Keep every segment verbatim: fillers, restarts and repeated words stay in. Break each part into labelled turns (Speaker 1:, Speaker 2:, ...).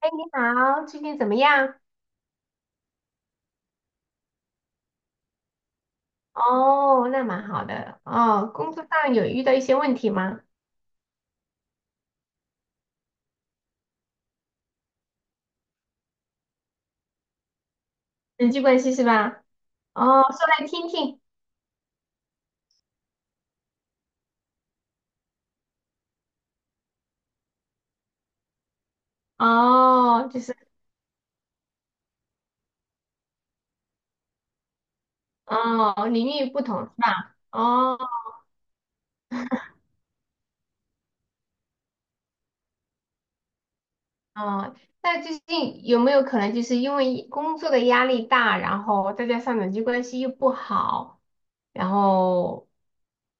Speaker 1: 哎，你好，最近怎么样？哦，那蛮好的。哦，工作上有遇到一些问题吗？人际关系是吧？哦，说来听听。哦，就是。哦，领域不同是吧？哦哦，那最近有没有可能就是因为工作的压力大，然后再加上人际关系又不好，然后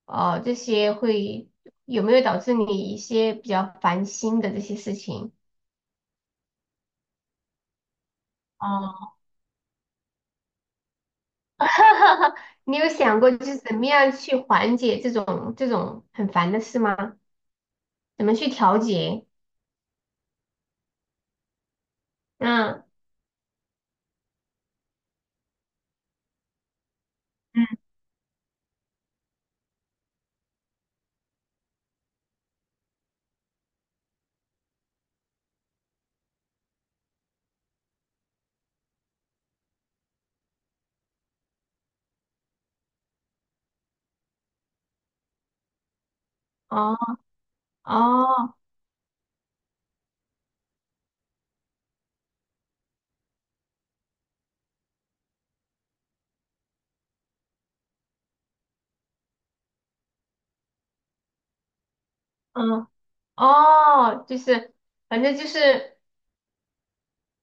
Speaker 1: 呃这些会有没有导致你一些比较烦心的这些事情？哦。 你有想过就是怎么样去缓解这种这种很烦的事吗？怎么去调节？嗯，嗯，哦哦，嗯哦，就是反正就是。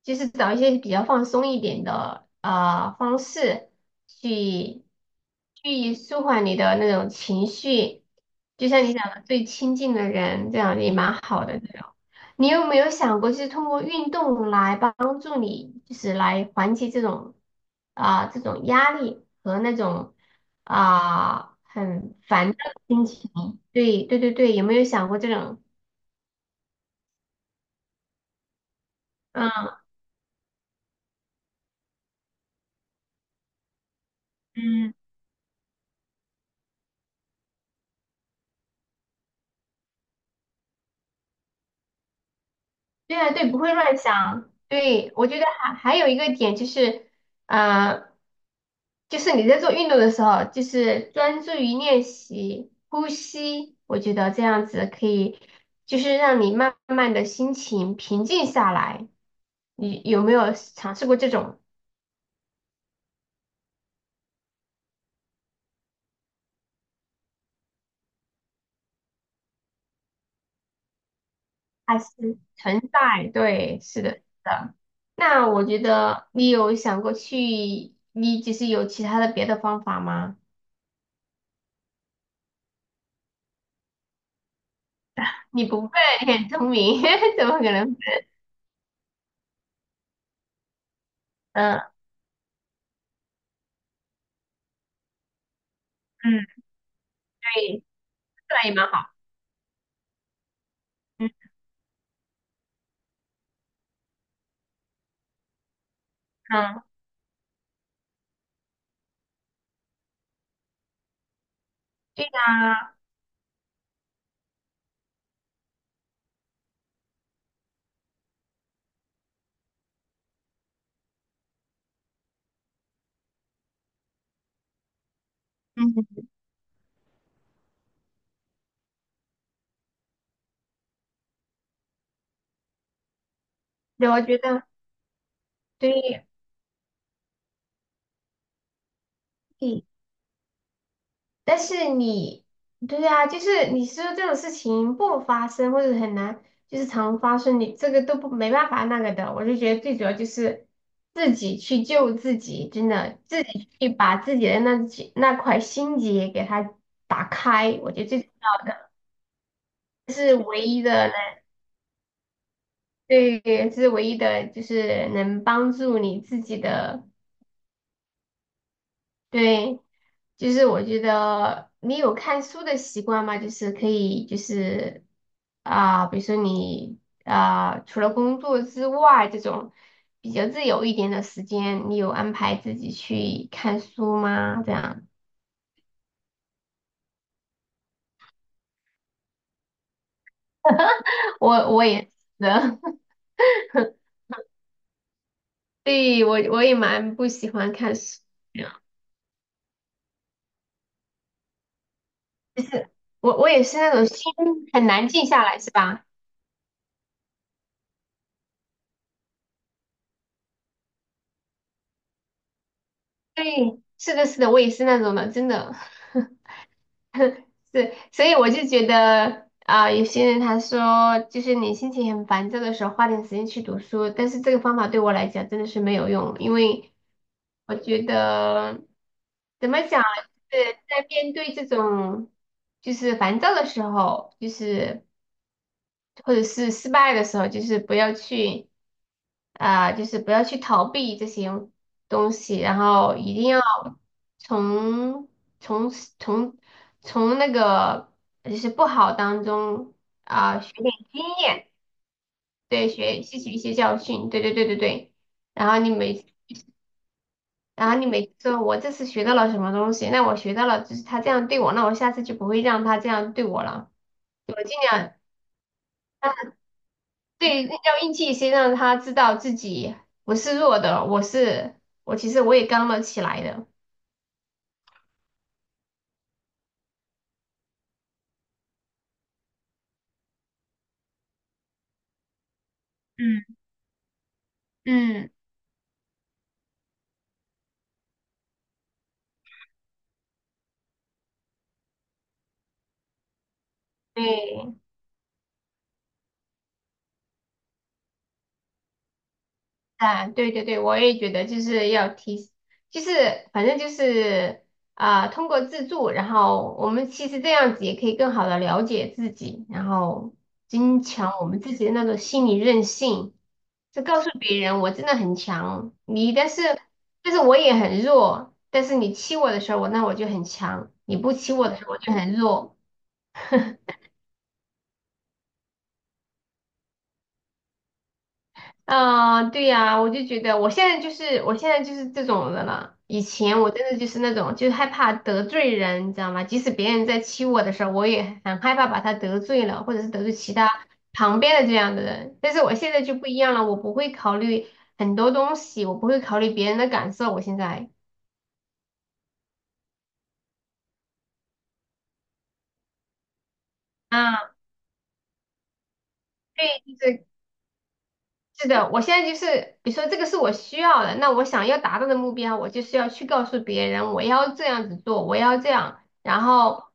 Speaker 1: 就是找一些比较放松一点的啊方式去去舒缓你的那种情绪，就像你讲的最亲近的人，这样也蛮好的这种。你有没有想过，就是通过运动来帮助你，就是来缓解这种啊、这种压力和那种啊、很烦躁的心情？对对对对，有没有想过这种？嗯。嗯，对啊，对，不会乱想。对，我觉得还还有一个点就是，呃，就是你在做运动的时候，就是专注于练习呼吸，我觉得这样子可以，就是让你慢慢的心情平静下来。你有没有尝试过这种？还是存在？对，是的，是的。那我觉得你有想过去，你就是有其他的别的方法吗？你不会，你很聪明，怎么可能笨？嗯。嗯，对，这样也蛮好。嗯嗯，对呀、嗯，对，我觉得对。嗯，但是你，对啊，就是你说这种事情不发生或者很难，就是常发生，你这个都不没办法那个的。我就觉得最主要就是自己去救自己，真的，自己去把自己的那几那块心结给它打开，我觉得最重要的，这是唯一的。对，这是唯一的，就是能帮助你自己的。对，就是我觉得你有看书的习惯吗？就是可以，就是啊、比如说你啊、除了工作之外，这种比较自由一点的时间，你有安排自己去看书吗？这样。我我也是的。 对，我我也蛮不喜欢看书，我我也是那种心很难静下来，是吧？对，是的，是的，我也是那种的，真的。是，所以我就觉得啊、有些人他说，就是你心情很烦躁的时候，花点时间去读书，但是这个方法对我来讲真的是没有用，因为我觉得怎么讲，就是在面对这种就是烦躁的时候，就是或者是失败的时候，就是不要去。啊、就是不要去逃避这些东西，然后一定要从从从从那个就是不好当中啊、学点经验，对，学吸取一些教训，对对对对对。然后你每。然后你每次说我这次学到了什么东西，那我学到了就是他这样对我，那我下次就不会让他这样对我了，我尽量。对，要硬气一些，让他知道自己不是弱的，我是我，其实我也刚了起来的。嗯，嗯，对，啊，对对对，我也觉得就是要提，就是反正就是啊、通过自助，然后我们其实这样子也可以更好的了解自己，然后增强我们自己的那种心理韧性，就告诉别人我真的很强，你但是但是我也很弱，但是你欺我的时候，我那我就很强，你不欺我的时候我就很弱。嗯，对呀，我就觉得我现在就是我现在就是这种的了。以前我真的就是那种，就是害怕得罪人，你知道吗？即使别人在欺我的时候，我也很害怕把他得罪了，或者是得罪其他旁边的这样的人。但是我现在就不一样了，我不会考虑很多东西，我不会考虑别人的感受。我现在啊，对，就是是的，我现在就是，比如说这个是我需要的，那我想要达到的目标，我就是要去告诉别人，我要这样子做，我要这样。然后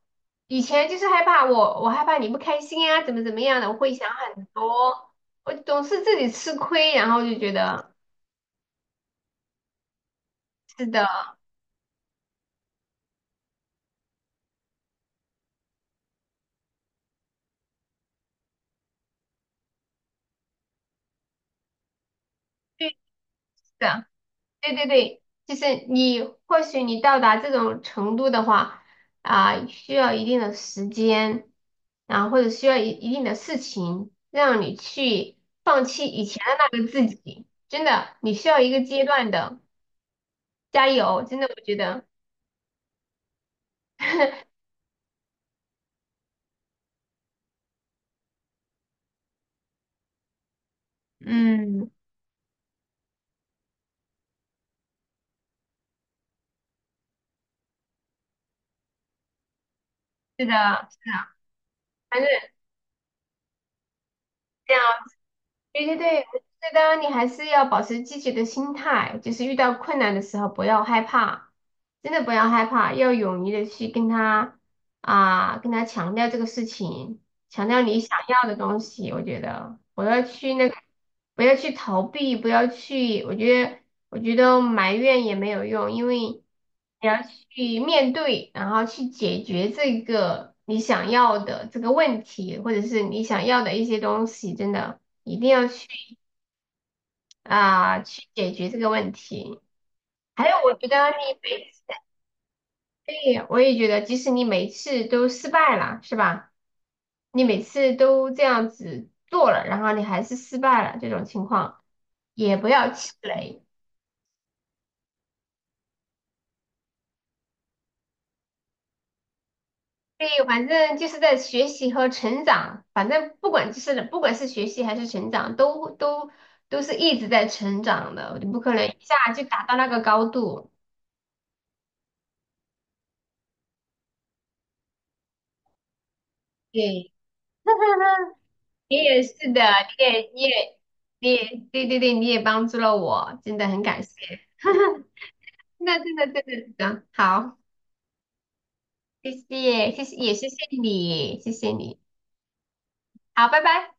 Speaker 1: 以前就是害怕我，我害怕你不开心呀、怎么怎么样的，我会想很多，我总是自己吃亏，然后就觉得是的，对，是的。对对对，就是你或许你到达这种程度的话，啊、需要一定的时间，然后或者需要一一定的事情，让你去放弃以前的那个自己。真的，你需要一个阶段的，加油！真的，我觉得，嗯，是的，反正。这样。对对对，我觉得你还是要保持积极的心态，就是遇到困难的时候不要害怕，真的不要害怕，要勇于的去跟他啊，跟他强调这个事情，强调你想要的东西。我觉得不要去那个，不要去逃避，不要去，我觉得我觉得埋怨也没有用，因为你要去面对，然后去解决这个你想要的这个问题，或者是你想要的一些东西，真的。一定要去。啊、去解决这个问题。还有，我觉得你每次，对，我也觉得，即使你每次都失败了，是吧？你每次都这样子做了，然后你还是失败了，这种情况也不要气馁。对，反正就是在学习和成长，反正不管就是不管是学习还是成长，都都都是一直在成长的，你不可能一下就达到那个高度。对，你也是的，你也你也你也对对对，你也帮助了我，真的很感谢。那真的真的真的好，谢谢谢谢也谢谢你，谢谢你，好，拜拜。